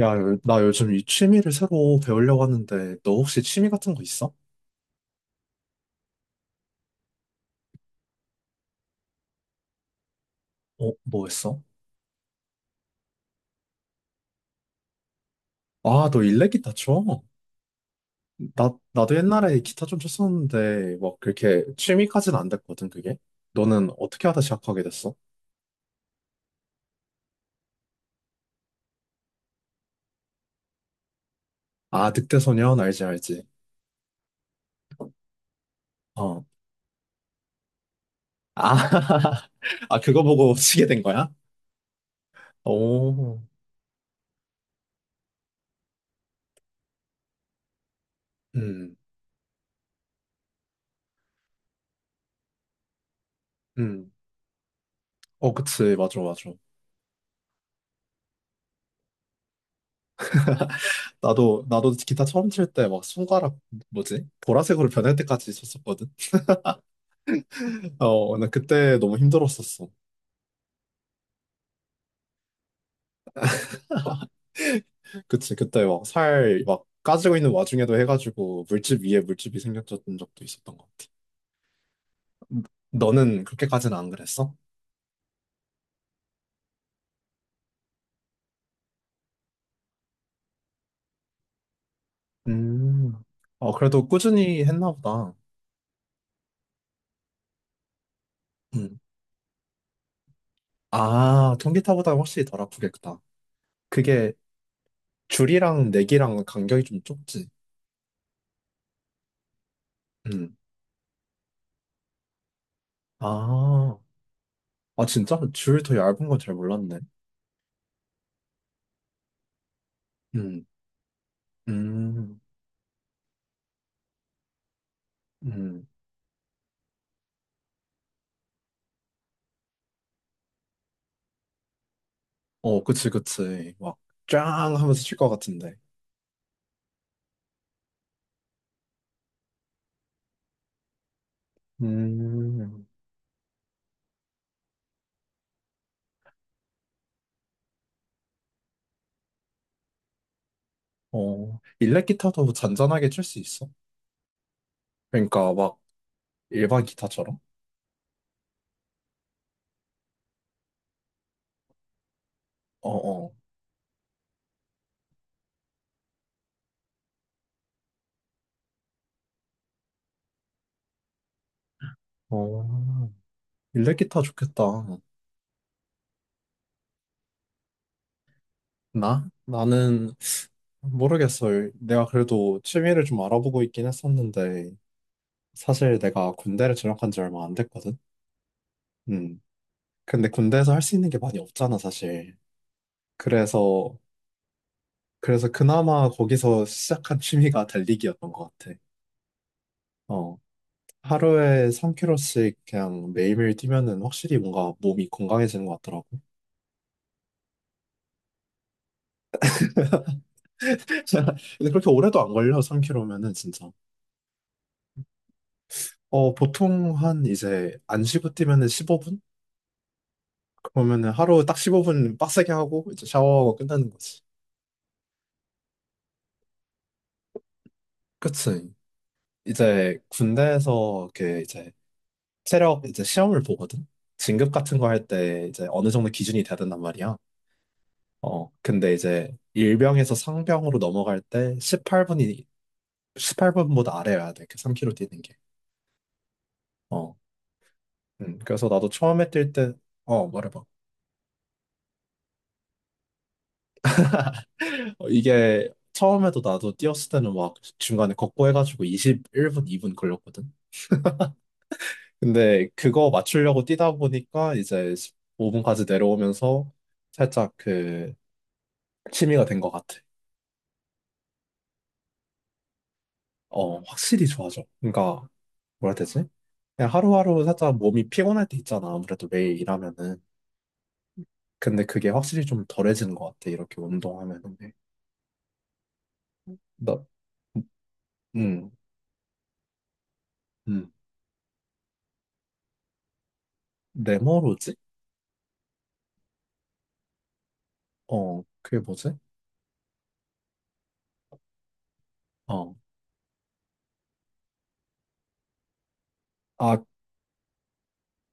야, 나 요즘 이 취미를 새로 배우려고 하는데, 너 혹시 취미 같은 거 있어? 어, 뭐 했어? 아, 너 일렉 기타 쳐? 나도 옛날에 기타 좀 쳤었는데, 막 그렇게 취미까지는 안 됐거든, 그게? 너는 어떻게 하다 시작하게 됐어? 아, 늑대소년, 알지, 알지. 어. 아, 아, 그거 보고 치게 된 거야? 오, 음, 음. 어, 그치, 맞아, 맞아. 나도 기타 처음 칠 때 막 손가락, 뭐지? 보라색으로 변할 때까지 쳤었거든? 어, 근데 그때 너무 힘들었었어. 그치, 그때 막 살 막 까지고 있는 와중에도 해가지고 물집 위에 물집이 생겼던 적도 있었던 것 같아. 너는 그렇게까지는 안 그랬어? 음, 어, 그래도 꾸준히 했나 보다. 음. 아, 통기타보다 확실히 덜 아프겠다. 그게 줄이랑 내기랑 간격이 좀 좁지. 음. 아, 아, 진짜? 줄 더 얇은 건 잘 몰랐네. 음, 음, 음. 어, 그치, 그치. 막, 짱 하면서 칠 것 같은데. 음, 어, 일렉 기타도 잔잔하게 칠 수 있어? 그러니까 막 일반 기타처럼? 어, 어, 어, 일렉 기타 좋겠다. 나? 나는 모르겠어요. 내가 그래도 취미를 좀 알아보고 있긴 했었는데, 사실 내가 군대를 진학한 지 얼마 안 됐거든? 음. 근데 군대에서 할 수 있는 게 많이 없잖아, 사실. 그래서, 그래서 그나마 거기서 시작한 취미가 달리기였던 것 같아. 어.. 하루에 3 k g 씩 그냥 매일매일 뛰면은 확실히 뭔가 몸이 건강해지는 것 같더라고. 근데 그렇게 오래도 안 걸려, 3 k g 면은 진짜. 어, 보통 한 이제 안 쉬고 뛰면은 15분? 그러면은 하루 딱 15분 빡세게 하고 이제 샤워하고 끝나는 거지. 그치. 이제 군대에서 이렇게 이제 체력 이제 시험을 보거든. 진급 같은 거 할 때 이제 어느 정도 기준이 돼야 된단 말이야. 어, 근데 이제 일병에서 상병으로 넘어갈 때 18분이 18분보다 아래여야 돼. 그 3 k 로 뛰는 게. 어. 그래서 나도 처음에 뛸 때, 어, 말해봐. 어, 이게 처음에도 나도 뛰었을 때는 막 중간에 걷고 해가지고 21분, 2분 걸렸거든. 근데 그거 맞추려고 뛰다 보니까 이제 5분까지 내려오면서 살짝 그 취미가 된 것 같아. 어, 확실히 좋아져. 그러니까 뭐라 해야 되지? 그냥 하루하루 살짝 몸이 피곤할 때 있잖아. 아무래도 매일 일하면은. 근데 그게 확실히 좀 덜해지는 것 같아. 이렇게 운동하면은. 나, 음, 음. 네모로지? 어, 그게 뭐지? 어, 아,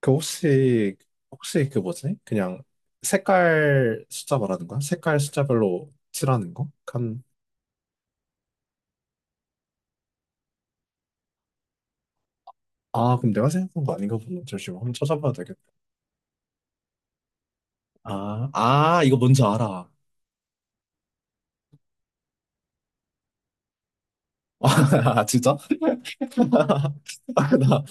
그 혹시 그 뭐지? 그냥 색깔 숫자 말하는 거야? 색깔 숫자별로 칠하는 거? 칸. 아, 그럼 내가 생각한 거 아닌가 보네. 잠시만, 한번 찾아봐야 되겠다. 아, 이거 뭔지 알아. 아, 진짜? 아, 나,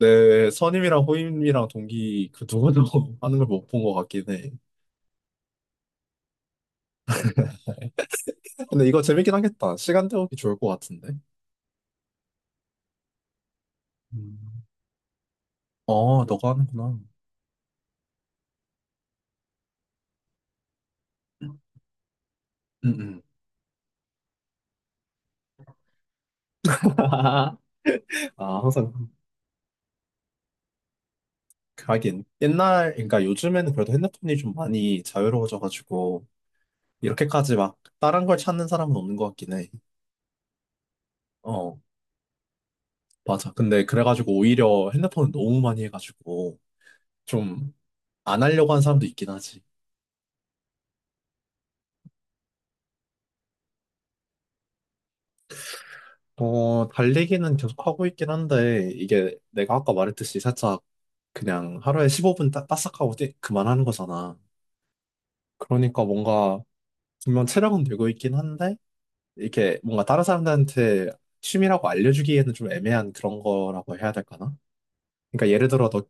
내 선임이랑 호임이랑 동기 그 누구도 하는 걸 못 본 것 같긴 해. 근데 이거 재밌긴 하겠다. 시간 때우기 좋을 것 같은데. 음. 어, 너가 하는구나. 음, 음. 아, 항상 하긴 옛날, 그러니까 요즘에는 그래도 핸드폰이 좀 많이 자유로워져가지고 이렇게까지 막 다른 걸 찾는 사람은 없는 것 같긴 해. 어, 맞아. 근데 그래가지고 오히려 핸드폰을 너무 많이 해가지고 좀 안 하려고 하는 사람도 있긴 하지. 어, 달리기는 계속 하고 있긴 한데 이게 내가 아까 말했듯이 살짝 그냥 하루에 15분 따, 싹 하고 그만하는 거잖아. 그러니까 뭔가 분명 체력은 되고 있긴 한데 이렇게 뭔가 다른 사람들한테 취미라고 알려주기에는 좀 애매한 그런 거라고 해야 될까나? 그러니까 예를 들어 너,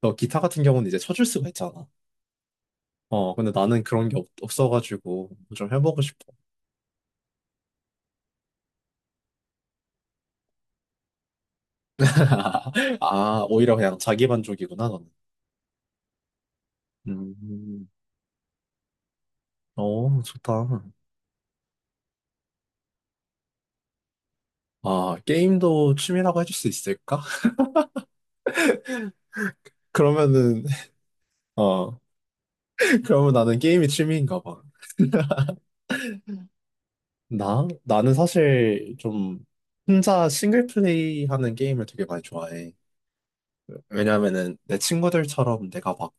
너 기타 같은 경우는 이제 쳐줄 수가 있잖아. 어, 근데 나는 그런 게 없어가지고 좀 해보고 싶어. 아, 오히려 그냥 자기 만족이구나, 너는. 음, 어, 좋다. 아, 게임도 취미라고 해줄 수 있을까? 그러면은, 어, 그러면 나는 게임이 취미인가 봐. 나? 나는 사실 좀 혼자 싱글 플레이 하는 게임을 되게 많이 좋아해. 왜냐면은 내 친구들처럼 내가 막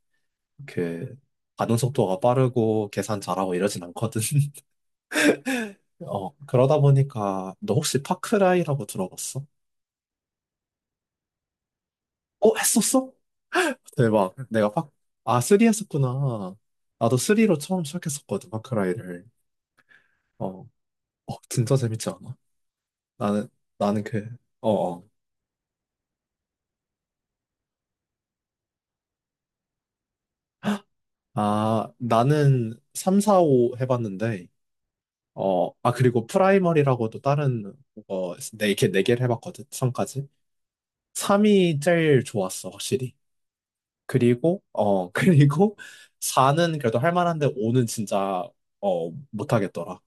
그 반응 속도가 빠르고 계산 잘하고 이러진 않거든. 어, 그러다 보니까 너 혹시 파크라이라고 들어봤어? 어, 했었어? 대박. 내가 파, 아, 3 했었구나. 나도 3로 처음 시작했었거든, 파크라이를. 어, 어, 진짜 재밌지 않아? 나는, 나는 그, 어, 어. 아, 나는 3, 4, 5 해봤는데, 어, 아, 그리고 프라이머리라고도 다른, 어, 네, 이렇게 네 개를 해봤거든, 3까지. 3이 제일 좋았어, 확실히. 그리고, 어, 그리고 4는 그래도 할 만한데 5는 진짜, 어, 못하겠더라.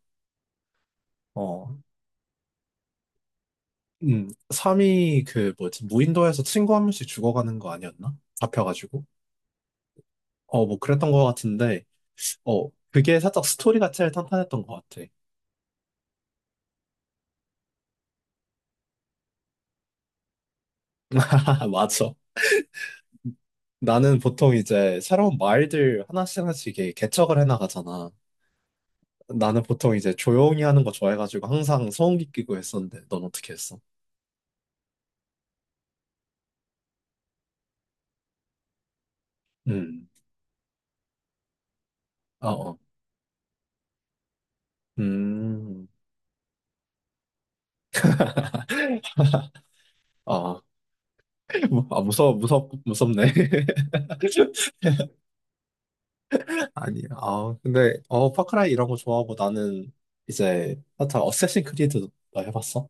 어, 3이 그 뭐지, 무인도에서 친구 한 명씩 죽어가는 거 아니었나? 잡혀가지고. 어, 뭐 그랬던 것 같은데, 어, 그게 살짝 스토리가 제일 탄탄했던 것 같아. 맞아. 나는 보통 이제 새로운 마을들 하나씩 하나씩 이렇게 개척을 해나가잖아. 나는 보통 이제 조용히 하는 거 좋아해가지고 항상 소음기 끼고 했었는데, 넌 어떻게 했어? 음. 어, 어. 음, 어, 뭐, 아, 무서워, 무섭네. 아니, 아, 근데, 어, 파크라이 이런 거 좋아하고 나는 이제, 하여튼, 어쌔신 크리드도 나 해봤어?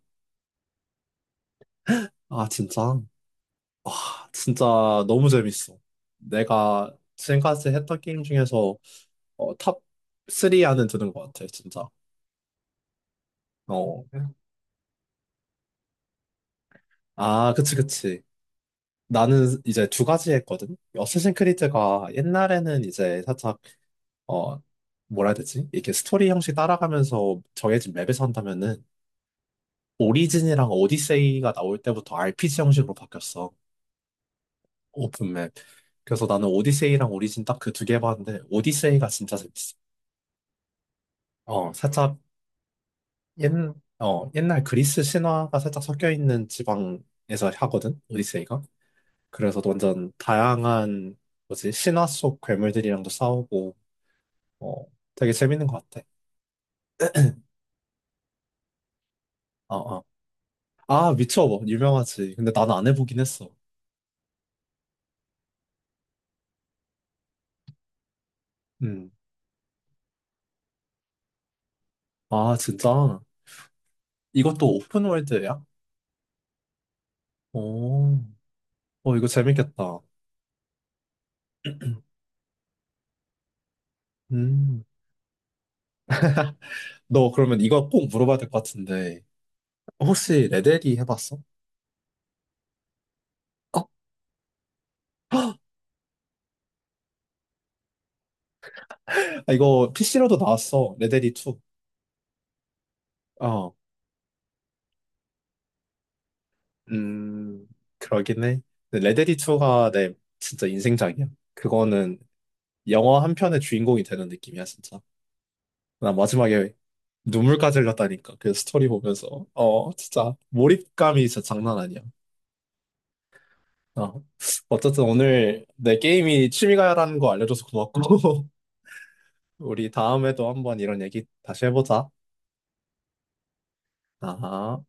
아, 진짜? 와, 진짜 너무 재밌어. 내가 지금까지 했던 게임 중에서, 어, 탑 3안은 드는 것 같아, 진짜. 어. 아, 그치, 그치. 나는 이제 두 가지 했거든? 어쌔신 크리드가 옛날에는 이제 살짝 어, 뭐라 해야 되지? 이렇게 스토리 형식 따라가면서 정해진 맵에서 한다면은 오리진이랑 오디세이가 나올 때부터 RPG 형식으로 바뀌었어. 오픈맵. 그래서 나는 오디세이랑 오리진 딱 그 두 개 봤는데 오디세이가 진짜 재밌어. 어, 살짝 옛, 옛날 그리스 신화가 살짝 섞여 있는 지방에서 하거든. 오디세이가. 그래서 완전 다양한 뭐지? 신화 속 괴물들이랑도 싸우고 어, 되게 재밌는 것 같아. 어, 어. 아, 미쳐봐. 유명하지. 근데 나는 안 해보긴 했어. 음. 아, 진짜? 이것도 오픈월드야? 오, 어, 이거 재밌겠다. 음. 너 그러면 이거 꼭 물어봐야 될 것 같은데. 혹시 레데리 해봤어? 어? 아, 이거 PC로도 나왔어. 레데리 2. 어, 음, 그러긴 해. 근데 레데리 2가 내 진짜 인생작이야. 그거는 영화 한 편의 주인공이 되는 느낌이야, 진짜. 나 마지막에 눈물까지 흘렸다니까. 그 스토리 보면서. 어, 진짜 몰입감이 진짜 장난 아니야. 어, 어쨌든 오늘 내 게임이 취미가라는 거 알려줘서 고맙고, 우리 다음에도 한번 이런 얘기 다시 해보자. 아.